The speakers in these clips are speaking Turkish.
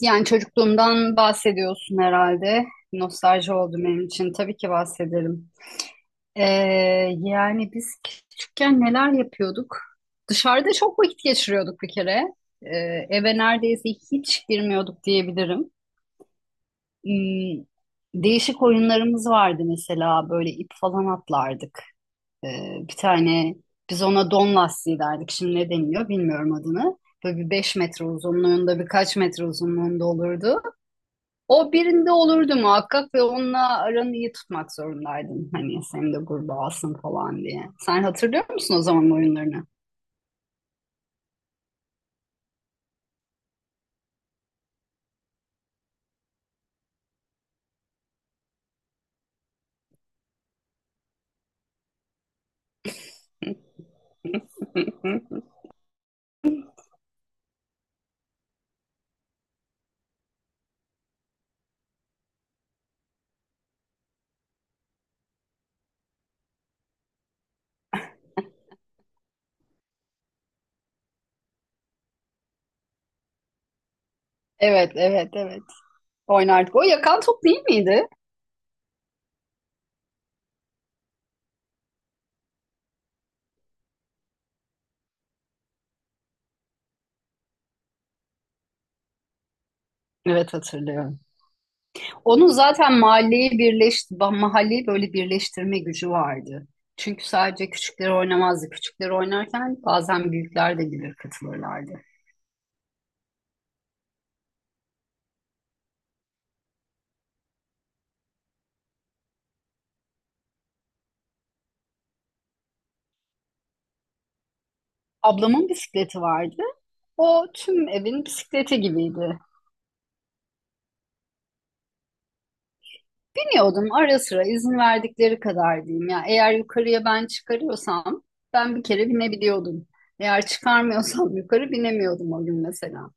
Yani çocukluğumdan bahsediyorsun herhalde. Nostalji oldu benim için. Tabii ki bahsederim. Ee, yani biz küçükken neler yapıyorduk? Dışarıda çok vakit geçiriyorduk bir kere. Ee, eve neredeyse hiç girmiyorduk diyebilirim. Hmm, değişik oyunlarımız vardı mesela. Böyle ip falan atlardık. Ee, bir tane biz ona don lastiği derdik. Şimdi ne deniyor bilmiyorum adını. Böyle bir 5 metre uzunluğunda, birkaç metre uzunluğunda olurdu. O birinde olurdu muhakkak ve onunla aranı iyi tutmak zorundaydın. Hani seni de gruba alsın falan diye. Sen hatırlıyor musun o zaman oyunlarını? Evet, evet, evet. Oynardık. O yakan top değil miydi? Evet, hatırlıyorum. Onun zaten mahalleyi böyle birleştirme gücü vardı. Çünkü sadece küçükleri oynamazdı. Küçükleri oynarken bazen büyükler de gelir katılırlardı. Ablamın bisikleti vardı. O tüm evin bisikleti gibiydi. Biniyordum ara sıra, izin verdikleri kadar diyeyim ya. Eğer yukarıya ben çıkarıyorsam ben bir kere binebiliyordum. Eğer çıkarmıyorsam yukarı binemiyordum o gün mesela.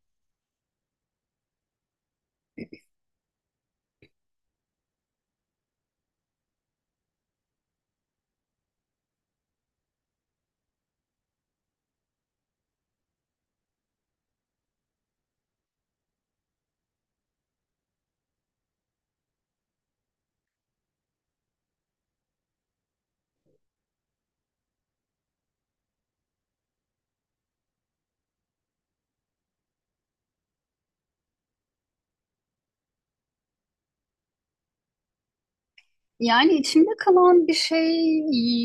Yani içimde kalan bir şey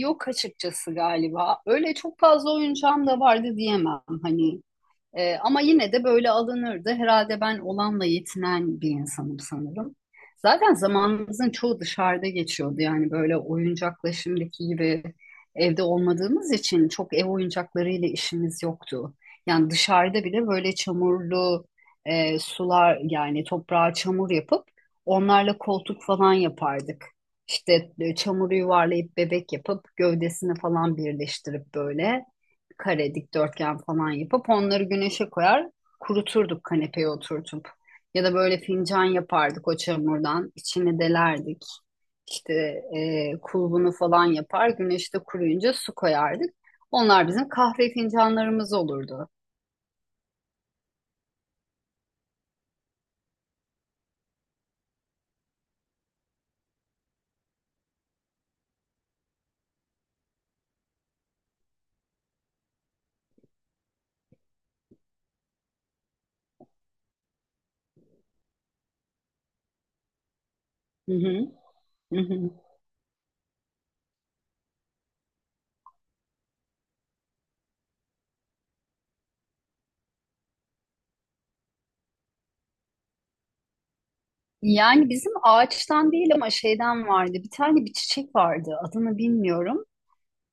yok açıkçası galiba. Öyle çok fazla oyuncağım da vardı diyemem. Hani ama yine de böyle alınırdı. Herhalde ben olanla yetinen bir insanım sanırım. Zaten zamanımızın çoğu dışarıda geçiyordu. Yani böyle oyuncakla şimdiki gibi evde olmadığımız için çok ev oyuncaklarıyla işimiz yoktu. Yani dışarıda bile böyle çamurlu sular, yani toprağa çamur yapıp onlarla koltuk falan yapardık. İşte çamuru yuvarlayıp bebek yapıp gövdesini falan birleştirip, böyle kare, dikdörtgen falan yapıp onları güneşe koyar, kuruturduk kanepeye oturtup. Ya da böyle fincan yapardık o çamurdan, içine delerdik. İşte kulbunu falan yapar, güneşte kuruyunca su koyardık. Onlar bizim kahve fincanlarımız olurdu. Hı hı, hı hı. Yani bizim ağaçtan değil ama şeyden vardı. Bir tane bir çiçek vardı. Adını bilmiyorum.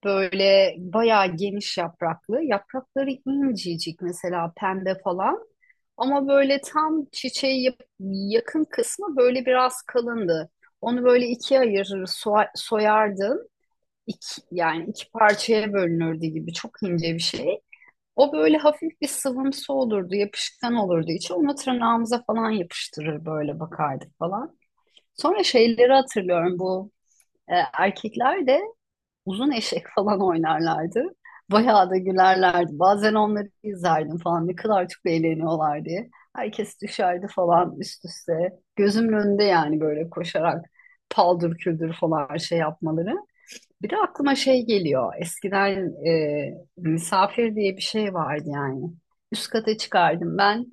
Böyle bayağı geniş yapraklı. Yaprakları incecik, mesela pembe falan. Ama böyle tam çiçeği yakın kısmı böyle biraz kalındı. Onu böyle ikiye ayırır, soyardın. İki, yani iki parçaya bölünürdü gibi çok ince bir şey. O böyle hafif bir sıvımsı olurdu, yapışkan olurdu içi. Onu tırnağımıza falan yapıştırır, böyle bakardık falan. Sonra şeyleri hatırlıyorum, bu erkekler de uzun eşek falan oynarlardı. Bayağı da gülerlerdi. Bazen onları izlerdim falan, ne kadar çok eğleniyorlar diye. Herkes düşerdi falan üst üste. Gözümün önünde yani, böyle koşarak paldır küldür falan şey yapmaları. Bir de aklıma şey geliyor. Eskiden misafir diye bir şey vardı yani. Üst kata çıkardım ben.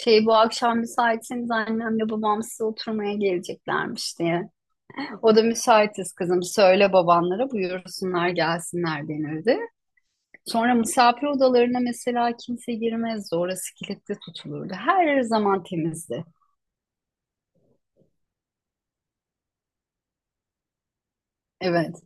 Şey, bu akşam müsaitseniz annemle babam size oturmaya geleceklermiş diye. O da müsaitiz kızım, söyle babanlara buyursunlar gelsinler denirdi. Sonra misafir odalarına mesela kimse girmezdi. Orası kilitli tutulurdu. Her zaman temizdi. Evet.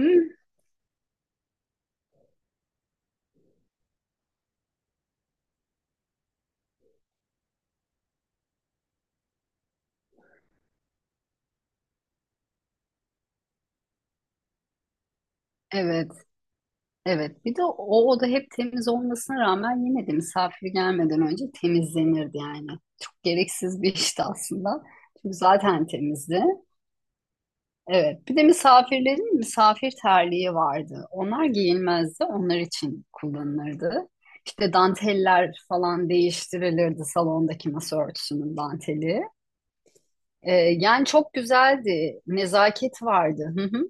Hı, evet. Evet. Bir de o oda hep temiz olmasına rağmen yine de misafir gelmeden önce temizlenirdi yani. Çok gereksiz bir işti aslında. Çünkü zaten temizdi. Evet. Bir de misafirlerin misafir terliği vardı. Onlar giyilmezdi, onlar için kullanılırdı. İşte danteller falan değiştirilirdi, salondaki masa örtüsünün danteli. Yani çok güzeldi. Nezaket vardı. Hı hı.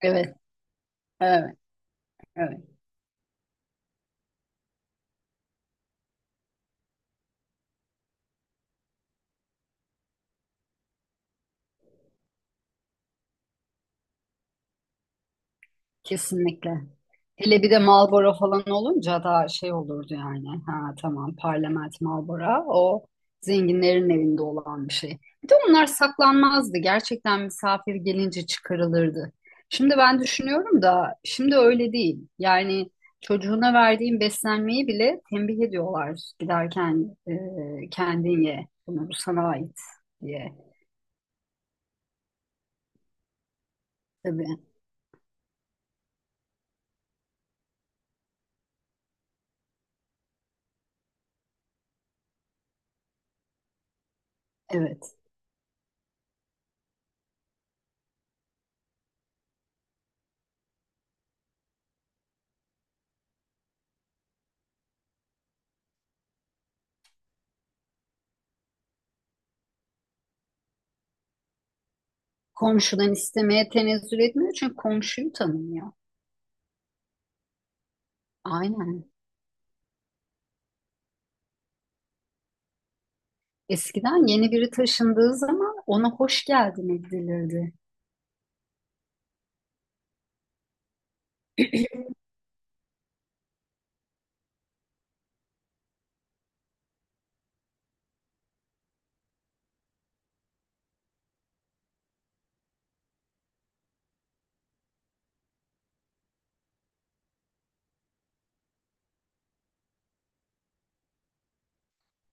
Evet. Evet. Evet. Kesinlikle. Hele bir de Marlboro falan olunca daha şey olurdu yani. Ha tamam, Parlament Marlboro o zenginlerin evinde olan bir şey. Bir de onlar saklanmazdı. Gerçekten misafir gelince çıkarılırdı. Şimdi ben düşünüyorum da şimdi öyle değil. Yani çocuğuna verdiğin beslenmeyi bile tembih ediyorlar giderken, kendin ye, bunu bu sana ait diye. Tabii, evet. Komşudan istemeye tenezzül etmiyor çünkü komşuyu tanımıyor. Aynen. Eskiden yeni biri taşındığı zaman ona hoş geldin edilirdi.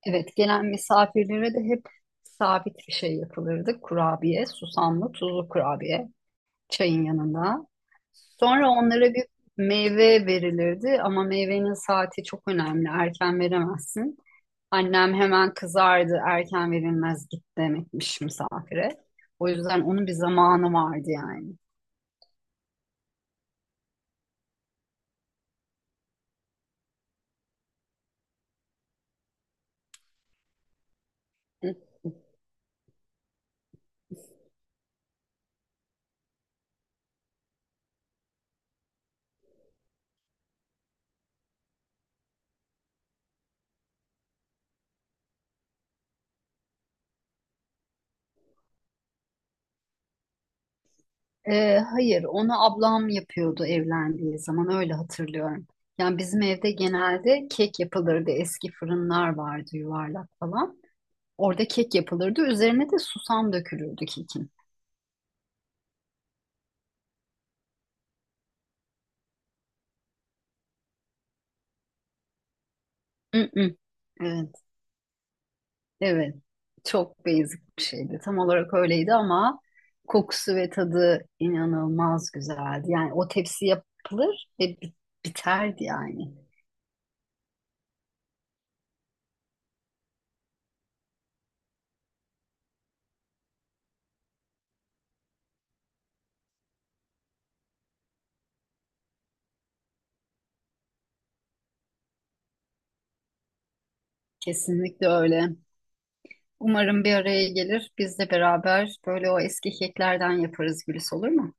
Evet, gelen misafirlere de hep sabit bir şey yapılırdı. Kurabiye, susamlı, tuzlu kurabiye çayın yanında. Sonra onlara bir meyve verilirdi ama meyvenin saati çok önemli. Erken veremezsin. Annem hemen kızardı. Erken verilmez, git demekmiş misafire. O yüzden onun bir zamanı vardı yani. Hayır, onu ablam yapıyordu evlendiği zaman, öyle hatırlıyorum. Yani bizim evde genelde kek yapılırdı. Eski fırınlar vardı, yuvarlak falan. Orada kek yapılırdı. Üzerine de susam dökülürdü kekin. Mm, mm. Evet, evet. Çok basic bir şeydi. Tam olarak öyleydi ama kokusu ve tadı inanılmaz güzeldi. Yani o tepsi yapılır ve biterdi yani. Kesinlikle öyle. Umarım bir araya gelir. Biz de beraber böyle o eski keklerden yaparız Gülis, olur mu?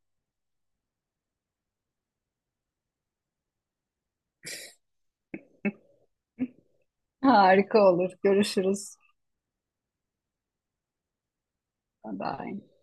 Harika olur. Görüşürüz. Bye bye.